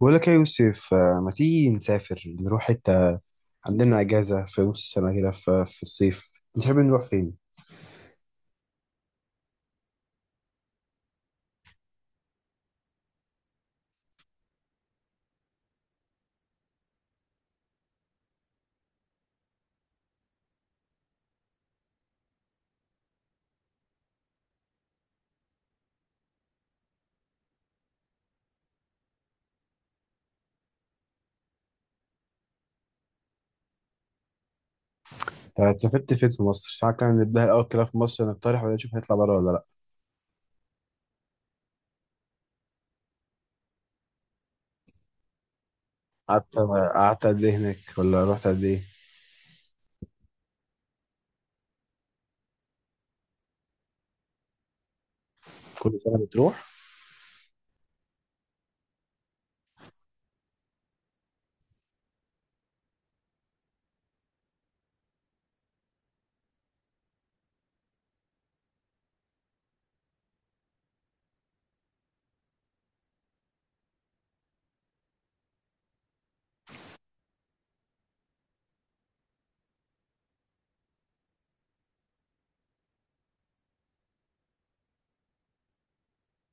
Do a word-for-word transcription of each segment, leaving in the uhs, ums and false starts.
بقول لك يا يوسف آه، ما تيجي نسافر نروح حتة؟ عندنا أجازة في نص السنة كده في, في الصيف. نحب نروح فين؟ آه، سافرت فين في مصر؟ ساعات كان نبدأ الأول كده في مصر، نقترح ولا نشوف هنطلع بره ولا لأ؟ قعدت قعدت قد إيه هناك ولا رحت قد إيه؟ كل سنة بتروح؟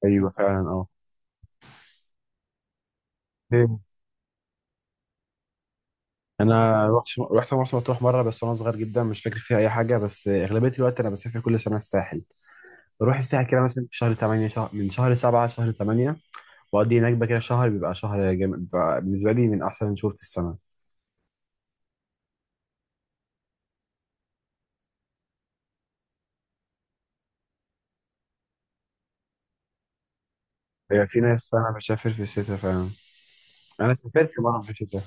أيوه فعلا أه فين؟ أنا رحت رحت مرسى مطروح مرة بس، وأنا صغير جدا مش فاكر فيها أي حاجة. بس آه، أغلبية الوقت أنا بسافر كل سنة الساحل. بروح الساحل كده مثلا في شهر ثمانية، شهر من شهر سبعة لشهر ثمانية. بقضي هناك بقى كده شهر، بيبقى شهر جامد، بيبقى بالنسبة لي من أحسن الشهور في السنة. بيبقى في ناس فعلا بتسافر في الشتاء فعلا. أنا سافرت مرة في الشتاء.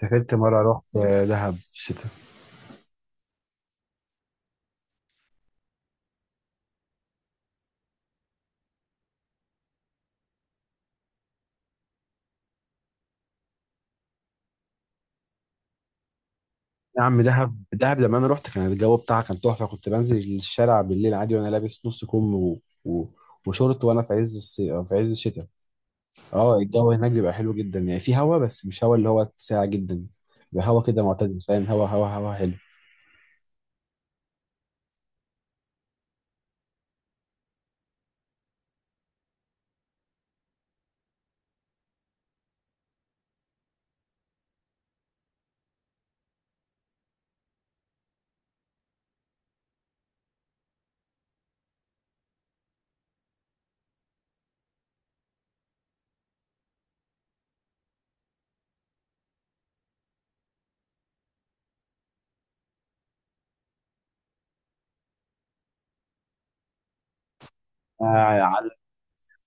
سافرت مرة، رحت دهب في الشتاء. يا عم دهب، دهب لما أنا رحت كان الجو بتاعها كان تحفة. كنت بنزل الشارع بالليل عادي وأنا لابس نص كم و... و... وشورت وأنا في عز الصيف في عز الشتاء. اه، الجو هناك بيبقى حلو جدا يعني. في هوا بس مش هوا اللي هو ساقع جدا، بيبقى هوا كده معتدل، فاهم؟ هوا هوا هوا حلو. آه،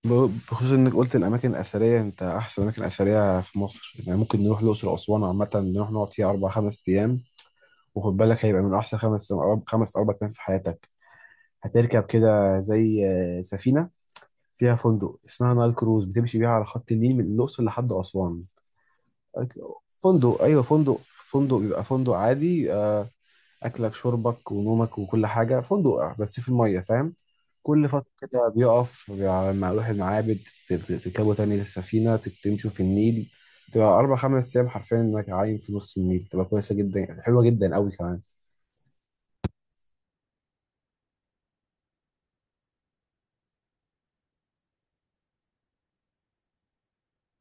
ب- بخصوص انك قلت الاماكن الاثريه، انت احسن اماكن اثريه في مصر يعني ممكن نروح الاقصر واسوان. عامه نروح نقعد فيها اربع خمس ايام، وخد بالك هيبقى من احسن خمس خمس اربع ايام في حياتك. هتركب كده زي آه، سفينه فيها فندق اسمها نايل كروز، بتمشي بيها على خط النيل من الاقصر لحد اسوان. فندق، ايوه فندق فندق بيبقى فندق عادي. آه، اكلك شربك ونومك وكل حاجه فندق. آه، بس في الميه، فاهم؟ كل فتره كده بيقف على ما اروح المعابد. ت- ت- تركبوا تاني للسفينه، تت- تمشوا في النيل. تبقى اربع خمس ايام حرفيا انك عايم في نص النيل، تبقى كويسه جدا، حلوه جدا قوي كمان.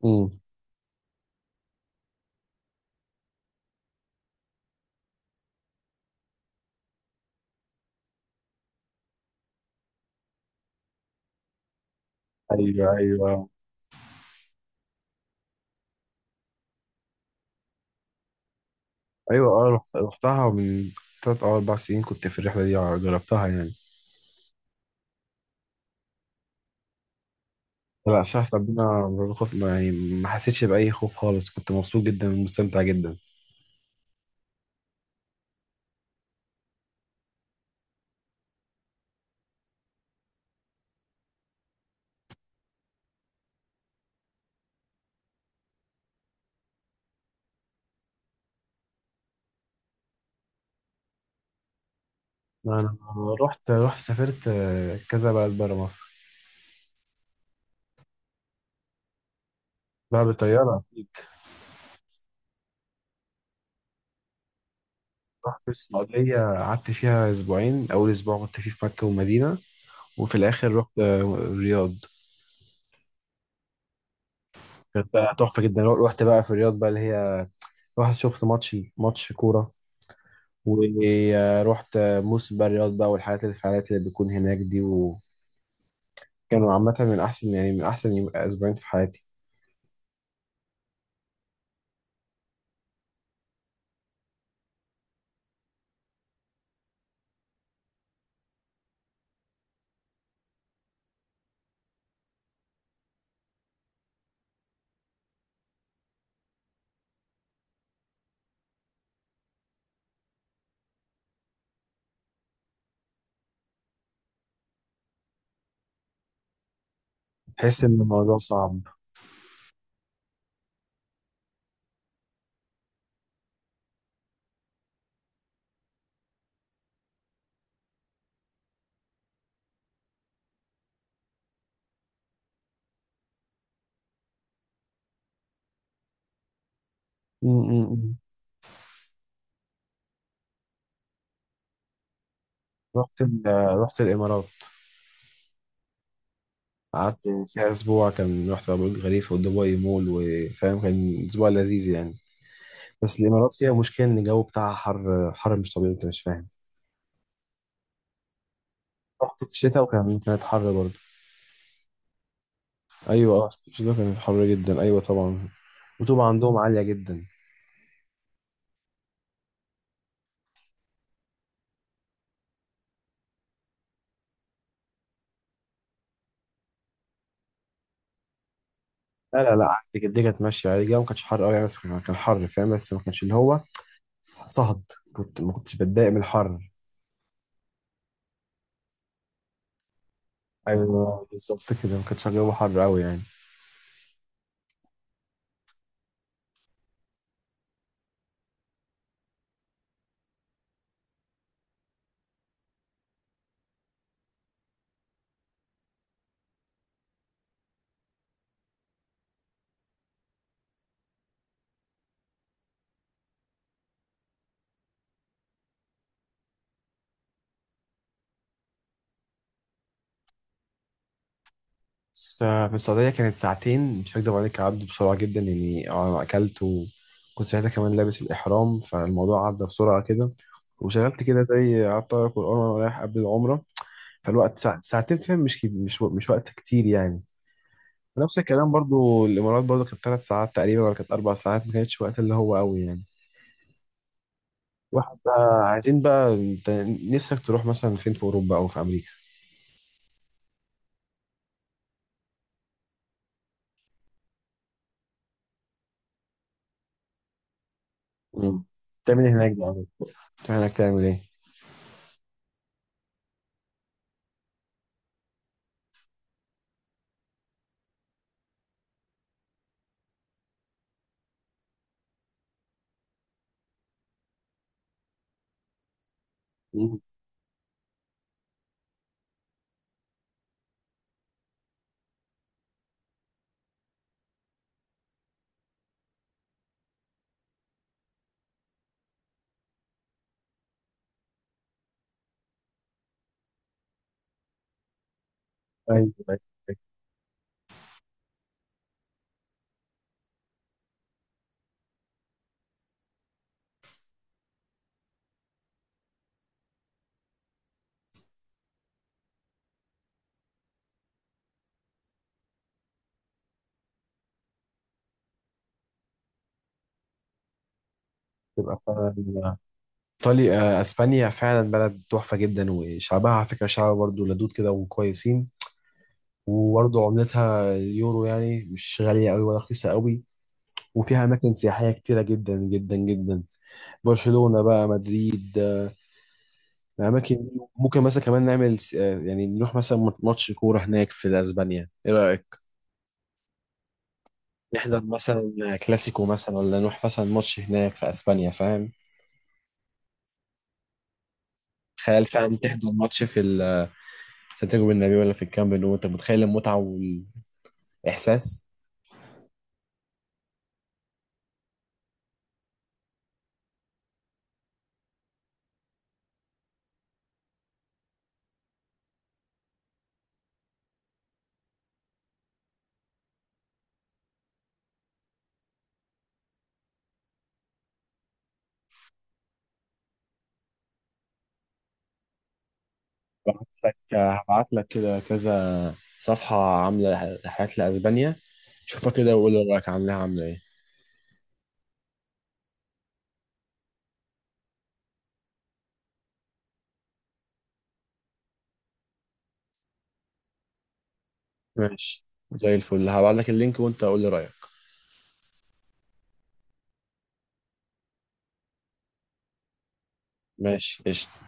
امم. ايوه ايوه ايوه. اه، رحت- رحتها من ثلاث او اربع سنين، كنت في الرحله دي آه، جربتها يعني. لا، شاف ربنا ما- خوف ما- يعني. ما حسيتش باي خوف خالص، كنت مبسوط جدا ومستمتع جدا. انا رحت رحت سافرت آه، كذا بلد بره مصر. بقى بالطياره اكيد. رحت السعوديه، قعدت فيها اسبوعين. اول اسبوع كنت فيه في مكه والمدينه، وفي الاخر رحت آه، الرياض. كانت بقى تحفه جدا. رحت بقى في الرياض بقى اللي هي، رحت شفت ماتش ماتش كوره، ورحت آه، موسم بقى الرياض بقى، والحاجات الفعاليات اللي بتكون هناك دي. وكانوا عامه من احسن يعني من احسن يوم- اسبوعين في حياتي. تحس ان الموضوع صعب. م- م- م. رحت ال- آه، رحت الامارات، قعدت فيها أسبوع. كان رحت أبو الخليفة ودبي مول، وفاهم كان أسبوع لذيذ يعني. بس الإمارات فيها مشكلة إن الجو بتاعها حر حر مش طبيعي، أنت مش فاهم. رحت في الشتاء وكان كانت حر برضه. أيوة اه، في الشتاء كانت حر جدا أيوة طبعا. الرطوبة عندهم عالية جدا. لا لا لا، قعدت كده كانت ماشية عادي. الجو ما كانش حر أوي يعني، بس كان كان حر، فاهم؟ بس ما كانش اللي هو صهد. كنت ما كنتش بتضايق من الحر. أيوة بالظبط كده، ما كانش الجو حر أوي يعني. بس آه، في السعودية كانت ساعتين، مش هكدب عليك عدوا بسرعة جدا يعني. أنا أكلت وكنت ساعتها كمان لابس الإحرام، فالموضوع عدى بسرعة كده. وشغلت كده زي قعدت أقرأ قرآن وأنا رايح قبل العمرة. فالوقت ساع- ساعتين، فاهم؟ مش كي- مش و- مش وقت كتير يعني. نفس الكلام برضو الإمارات، برضو كانت ثلاث ساعات تقريبا ولا كانت أربع ساعات، ما كانتش وقت اللي هو قوي يعني. واحد بقى، عايزين بقى أنت نفسك تروح مثلا فين، في أوروبا أو في أمريكا؟ مم. تعمل إيه هناك بقى؟ تعمل هناك تعمل إيه؟ مم. أيوة تبقى فعلا إيطاليا، آه، أسبانيا فعلا بلد تحفة جدا. وشعبها على فكرة شعب برضه لدود كده وكويسين، وبرضه عملتها اليورو، يعني مش غالية أوي ولا رخيصة أوي. وفيها أماكن سياحية كتيرة جدا جدا جدا. برشلونة بقى، مدريد، آه، الأماكن دي. ممكن مثلا كمان نعمل س- آه، يعني نروح مثلا ماتش كورة هناك في أسبانيا، إيه رأيك؟ نحضر مثلا كلاسيكو مثلا، ولا نروح مثلا ماتش هناك في أسبانيا، فاهم؟ تخيل فعلا تحضر ماتش في سانتياغو بالنبي، ولا في الكامب نو، انت متخيل المتعه والاحساس؟ هبعت لك هبعت لك كده كذا صفحه عامله رحلات لاسبانيا. شوفها كده وقول لي رايك، عاملاها عامله ايه. ماشي زي الفل، هبعت لك اللينك وانت قول لي رايك. ماشي قشطه.